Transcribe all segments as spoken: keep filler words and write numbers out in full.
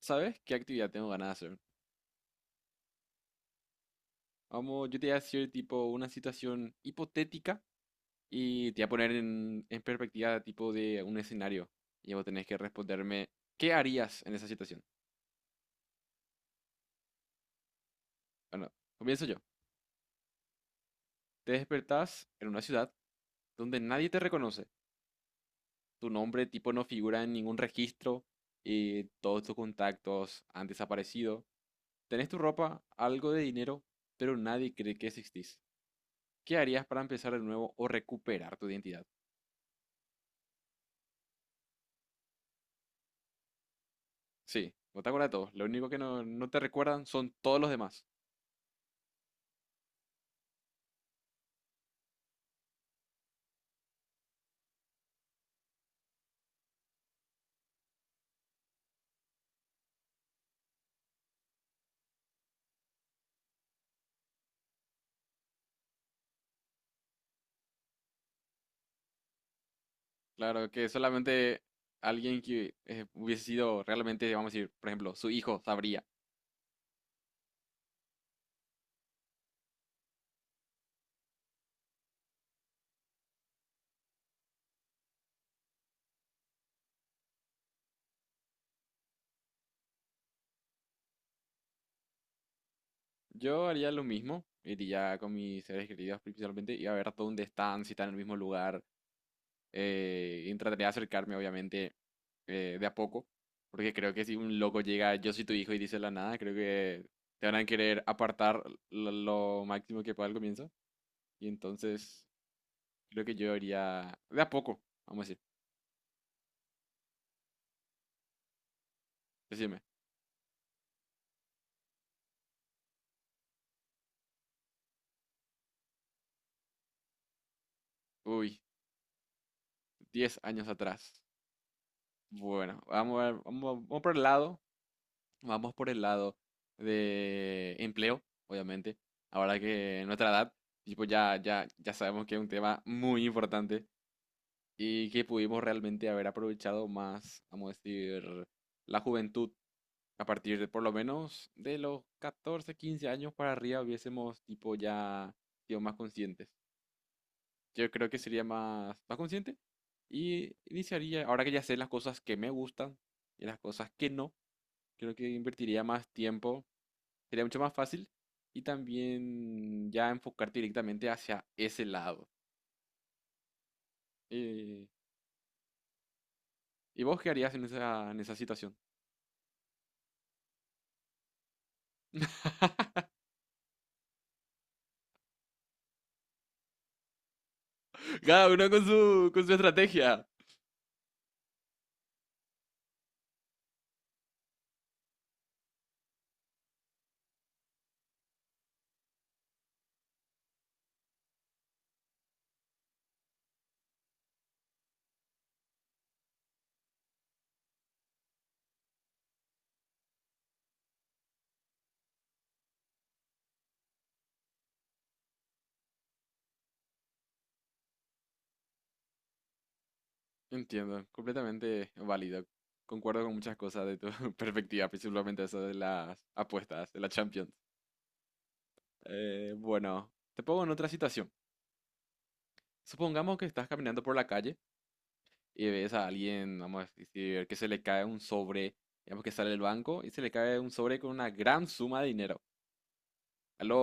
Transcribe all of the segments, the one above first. ¿Sabes qué actividad tengo ganas de hacer? Vamos, yo te voy a decir tipo una situación hipotética y te voy a poner en, en perspectiva tipo de un escenario. Y vos tenés que responderme, ¿qué harías en esa situación? Bueno, comienzo yo. Te despertás en una ciudad donde nadie te reconoce. Tu nombre tipo no figura en ningún registro y todos tus contactos han desaparecido. Tenés tu ropa, algo de dinero, pero nadie cree que existís. ¿Qué harías para empezar de nuevo o recuperar tu identidad? Sí, vos te acuerdas de todos. Lo único que no, no te recuerdan son todos los demás. Claro, que solamente alguien que eh, hubiese sido realmente, vamos a decir, por ejemplo, su hijo sabría. Yo haría lo mismo, iría con mis seres queridos principalmente, iba a ver hasta dónde están, si están en el mismo lugar, eh, y trataría de acercarme, obviamente, eh, de a poco, porque creo que si un loco llega, yo soy tu hijo y dice la nada, creo que te van a querer apartar lo, lo máximo que pueda al comienzo, y entonces creo que yo iría de a poco, vamos a decir, decime. Uy, diez años atrás. Bueno, vamos, a ver, vamos, vamos por el lado, vamos por el lado de empleo, obviamente. Ahora que nuestra edad, tipo, ya, ya, ya sabemos que es un tema muy importante y que pudimos realmente haber aprovechado más, vamos a decir, la juventud a partir de por lo menos de los catorce quince años para arriba hubiésemos tipo ya sido más conscientes. Yo creo que sería más, más consciente y iniciaría, ahora que ya sé las cosas que me gustan y las cosas que no, creo que invertiría más tiempo, sería mucho más fácil y también ya enfocarte directamente hacia ese lado. Eh, ¿Y vos qué harías en esa, en esa situación? Cada uno con su, con su estrategia. Entiendo, completamente válido. Concuerdo con muchas cosas de tu perspectiva, principalmente eso de las apuestas, de la Champions. Eh, bueno, te pongo en otra situación. Supongamos que estás caminando por la calle y ves a alguien, vamos a decir, que se le cae un sobre, digamos que sale del banco y se le cae un sobre con una gran suma de dinero. A lo,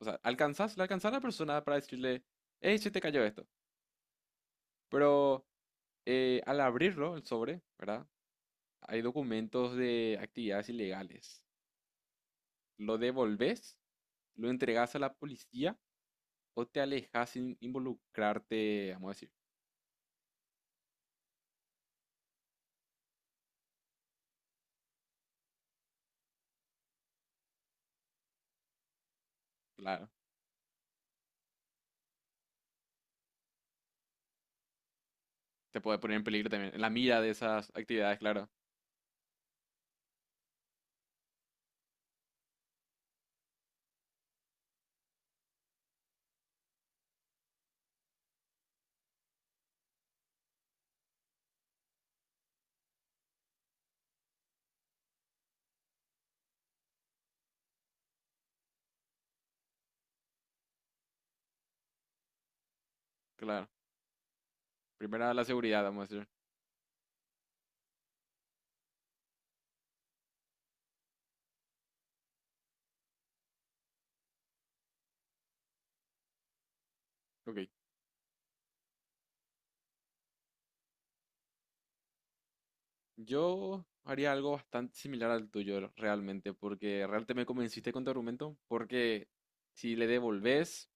O sea, alcanzas, le alcanzas a la persona para decirle, hey, se te cayó esto. Pero eh, al abrirlo, el sobre, ¿verdad? Hay documentos de actividades ilegales. ¿Lo devolves? ¿Lo entregas a la policía? ¿O te alejas sin involucrarte, vamos a decir? Claro, te puede poner en peligro también, en la mira de esas actividades, claro. Claro. Primera la seguridad, vamos a decir. Ok. Yo haría algo bastante similar al tuyo realmente, porque realmente me convenciste con tu argumento, porque si le devolves,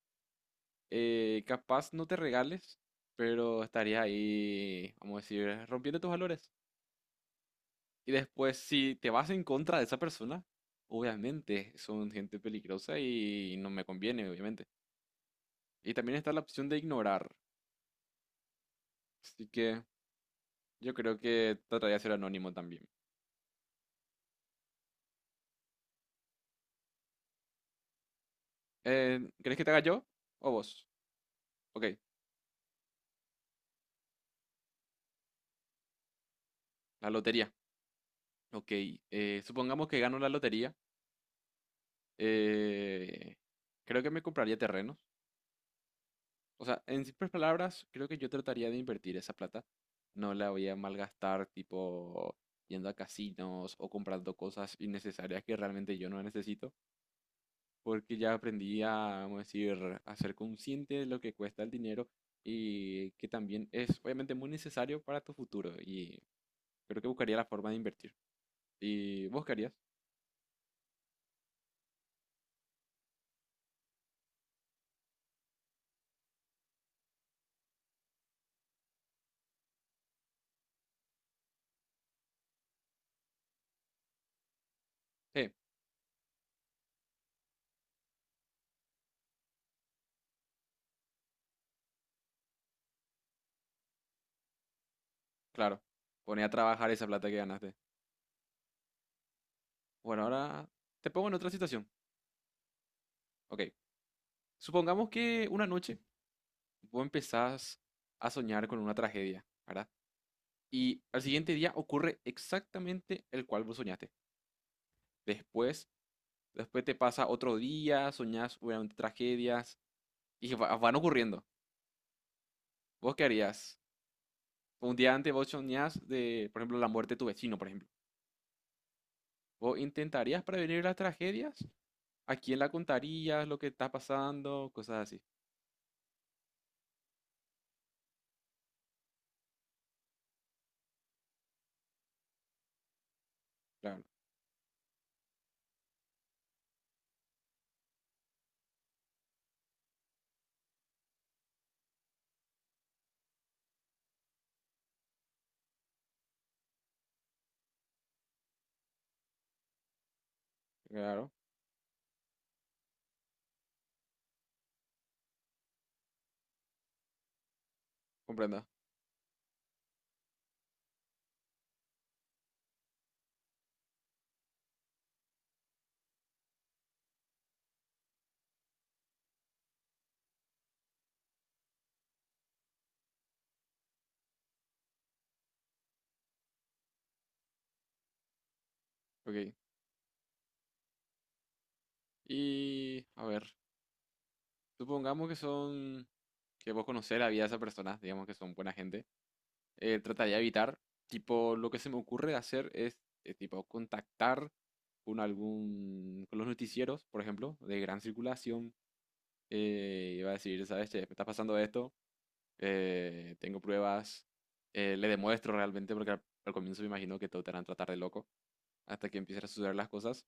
eh, capaz no te regales, pero estarías ahí, vamos a decir, rompiendo tus valores. Y después, si te vas en contra de esa persona, obviamente son gente peligrosa y no me conviene, obviamente. Y también está la opción de ignorar. Así que yo creo que trataría de ser anónimo también. Eh, ¿querés que te haga yo o vos? Ok, la lotería. Ok, eh, supongamos que gano la lotería. eh, creo que me compraría terrenos. O sea, en simples palabras, creo que yo trataría de invertir esa plata. No la voy a malgastar, tipo yendo a casinos o comprando cosas innecesarias que realmente yo no necesito, porque ya aprendí a, vamos a decir, a ser consciente de lo que cuesta el dinero y que también es obviamente muy necesario para tu futuro y creo que buscaría la forma de invertir. ¿Y vos querías? Sí, claro. Poné a trabajar esa plata que ganaste. Bueno, ahora te pongo en otra situación. Ok. Supongamos que una noche vos empezás a soñar con una tragedia, ¿verdad? Y al siguiente día ocurre exactamente el cual vos soñaste. Después, Después te pasa otro día, soñás obviamente tragedias y va- van ocurriendo. ¿Vos qué harías? Un día antes vos soñás de, por ejemplo, la muerte de tu vecino, por ejemplo. ¿Vos intentarías prevenir las tragedias? ¿A quién la contarías lo que está pasando? Cosas así. Claro, claro, comprendo. Ok. Y, a ver, supongamos que son, que vos conocés la vida de esa persona, digamos que son buena gente. eh, trataría de evitar, tipo, lo que se me ocurre hacer es, eh, tipo, contactar con algún, con los noticieros, por ejemplo, de gran circulación. Eh, y va a decir, ¿sabes? Che, me está pasando esto, eh, tengo pruebas, eh, le demuestro realmente, porque al, al comienzo me imagino que todos te van a tratar de loco hasta que empiezan a suceder las cosas.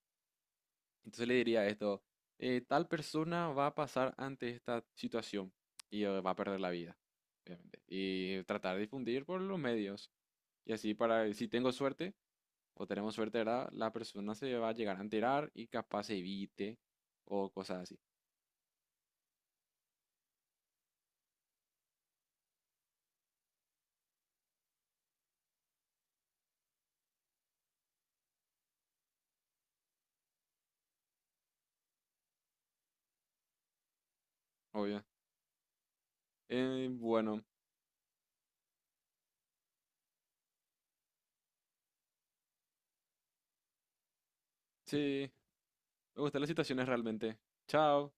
Entonces le diría esto, eh, tal persona va a pasar ante esta situación y eh, va a perder la vida, obviamente. Y tratar de difundir por los medios. Y así para, si tengo suerte o tenemos suerte, ¿verdad? La persona se va a llegar a enterar y capaz se evite o cosas así, obvio. Eh, bueno, sí, me gustan las situaciones realmente. Chao.